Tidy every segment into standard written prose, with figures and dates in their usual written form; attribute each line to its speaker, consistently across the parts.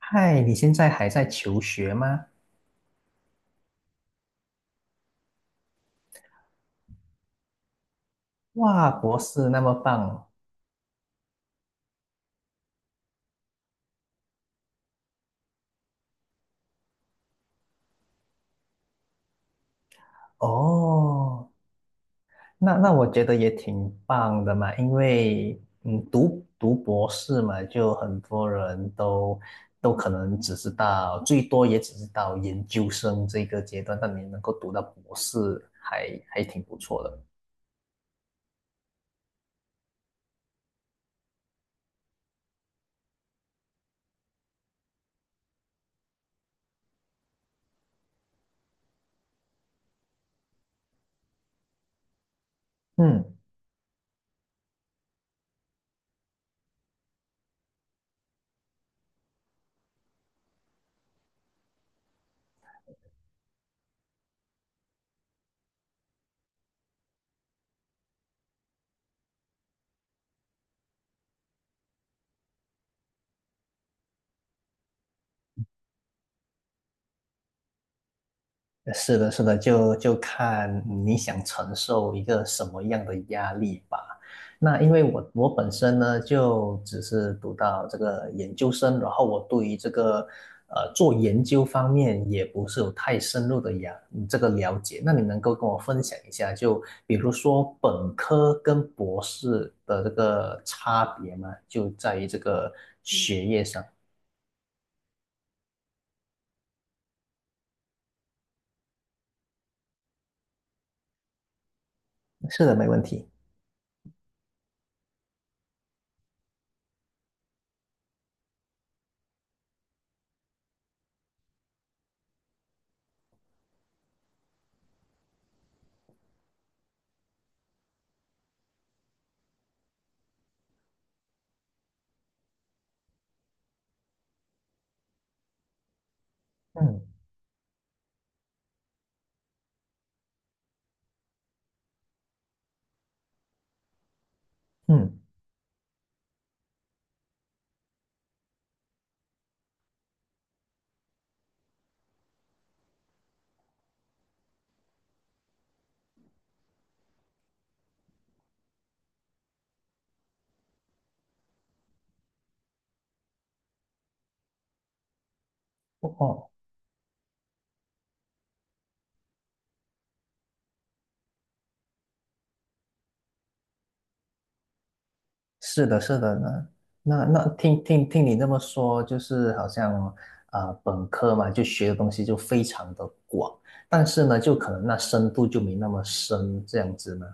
Speaker 1: 嗨，你现在还在求学吗？哇，博士那么棒哦，那我觉得也挺棒的嘛，因为读博士嘛，就很多人都可能只知道，最多也只知道研究生这个阶段，但你能够读到博士还挺不错的。嗯。是的，是的，就看你想承受一个什么样的压力吧。那因为我本身呢，就只是读到这个研究生，然后我对于这个做研究方面也不是有太深入的呀这个了解。那你能够跟我分享一下，就比如说本科跟博士的这个差别吗？就在于这个嗯学业上。是的，没问题。嗯嗯，哦哦是的，是的呢。那那听你这么说，就是好像本科嘛，就学的东西就非常的广，但是呢，就可能那深度就没那么深，这样子呢。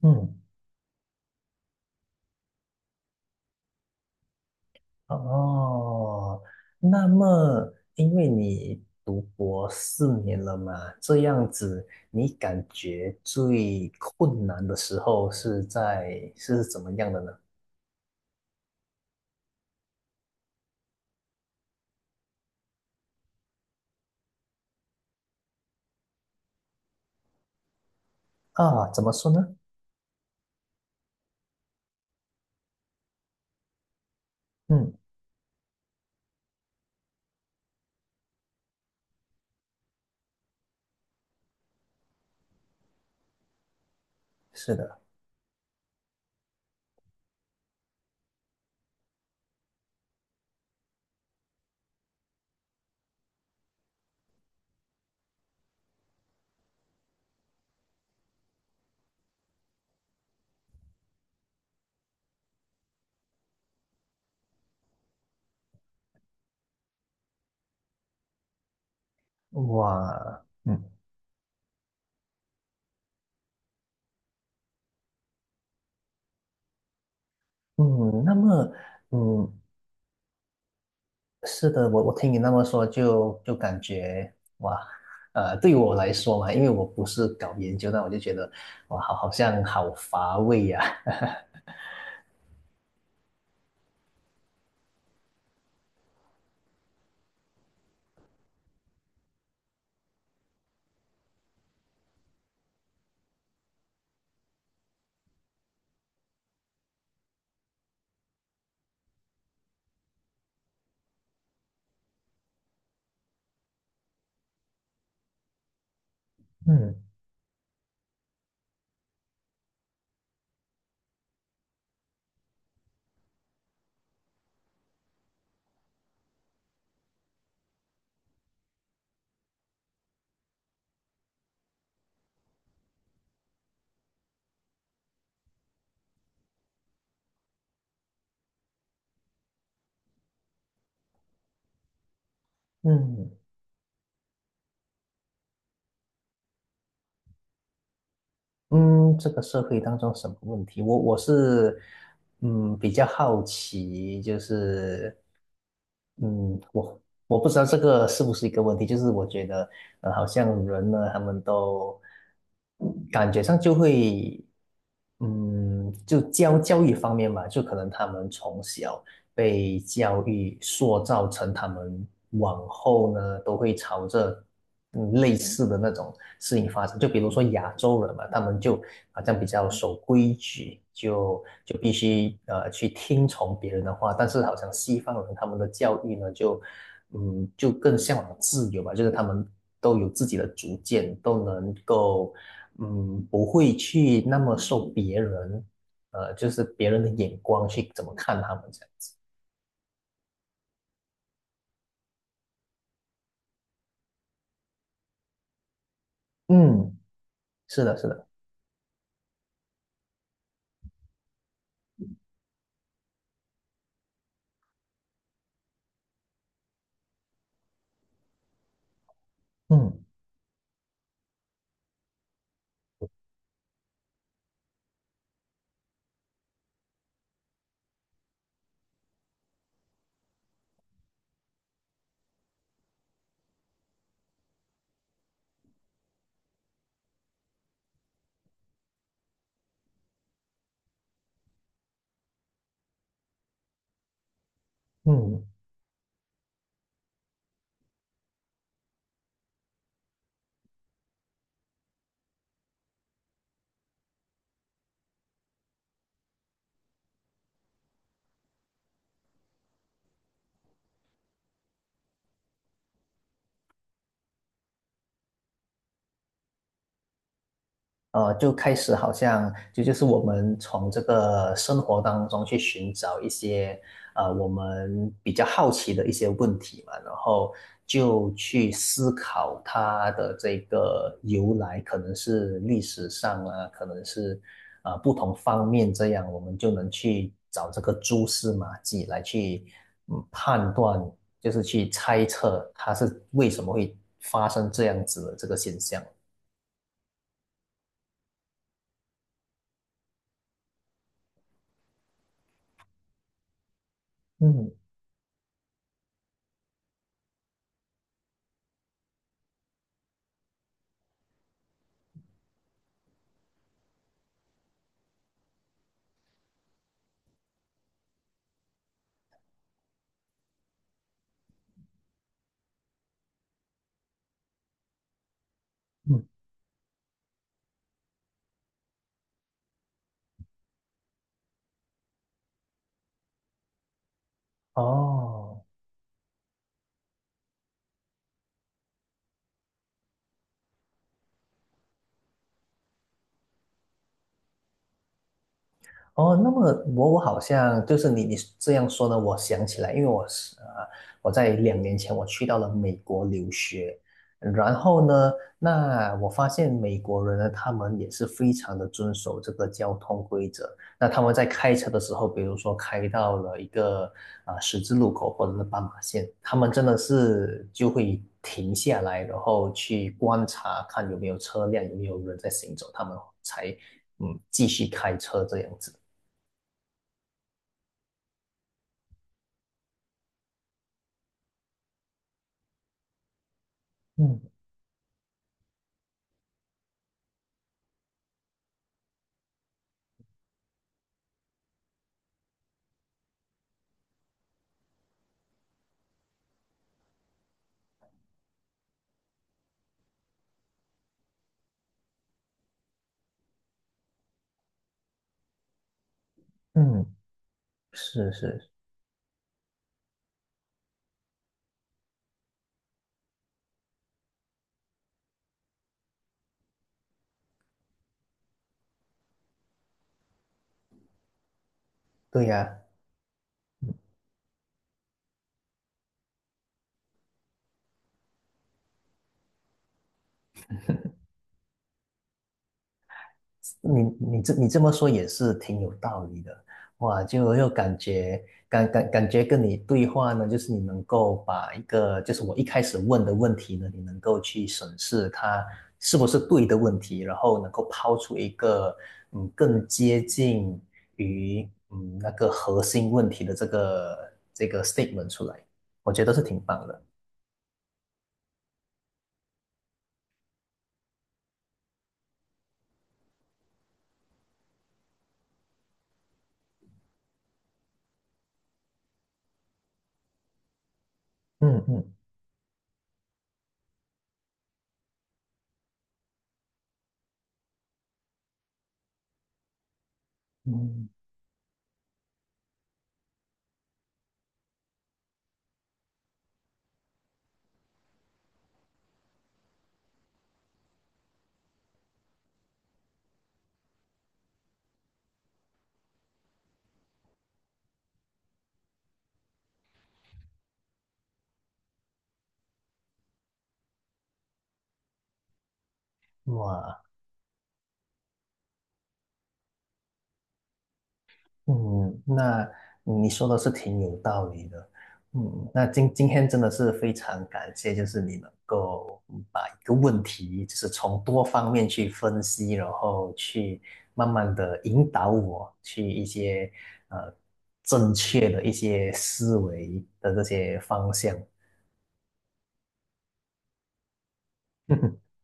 Speaker 1: 嗯，哦，那么因为你读博四年了嘛，这样子，你感觉最困难的时候是在是怎么样的呢？啊，怎么说呢？嗯，是的，哇。嗯。嗯，那么，嗯，是的，我我听你那么说就，就感觉哇，对于我来说嘛，因为我不是搞研究的，我就觉得哇，好像好乏味呀、嗯嗯，嗯，这个社会当中什么问题？我是嗯比较好奇，就是嗯我我不知道这个是不是一个问题，就是我觉得好像人呢，他们都感觉上就会嗯就教育方面嘛，就可能他们从小。被教育塑造成他们往后呢都会朝着嗯类似的那种事情发展。就比如说亚洲人嘛，他们就好像比较守规矩，就必须去听从别人的话。但是好像西方人他们的教育呢，就嗯就更向往自由吧，就是他们都有自己的主见，都能够嗯不会去那么受别人。就是别人的眼光去怎么看他们这样子。嗯，是的，是的，嗯嗯。就开始好像就是我们从这个生活当中去寻找一些我们比较好奇的一些问题嘛，然后就去思考它的这个由来，可能是历史上啊，可能是啊不同方面，这样我们就能去找这个蛛丝马迹来去嗯判断，就是去猜测它是为什么会发生这样子的这个现象。嗯嗯，哦，哦，那么我好像就是你这样说呢，我想起来，因为我是我在2年前我去到了美国留学，然后呢，那我发现美国人呢，他们也是非常的遵守这个交通规则。那他们在开车的时候，比如说开到了一个啊、十字路口或者是斑马线，他们真的是就会停下来，然后去观察看有没有车辆，有没有人在行走，他们才嗯继续开车这样子。嗯嗯，是是，对呀，你你这么说也是挺有道理的，哇，就又感觉感觉跟你对话呢，就是你能够把一个就是我一开始问的问题呢，你能够去审视它是不是对的问题，然后能够抛出一个嗯更接近于嗯那个核心问题的这个 statement 出来，我觉得是挺棒的。嗯嗯嗯，哇。嗯，那你说的是挺有道理的。嗯，那今天真的是非常感谢，就是你能够嗯把一个问题，就是从多方面去分析，然后去慢慢的引导我去一些呃正确的一些思维的这些方向。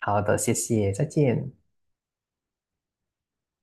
Speaker 1: 好的，谢谢，再见。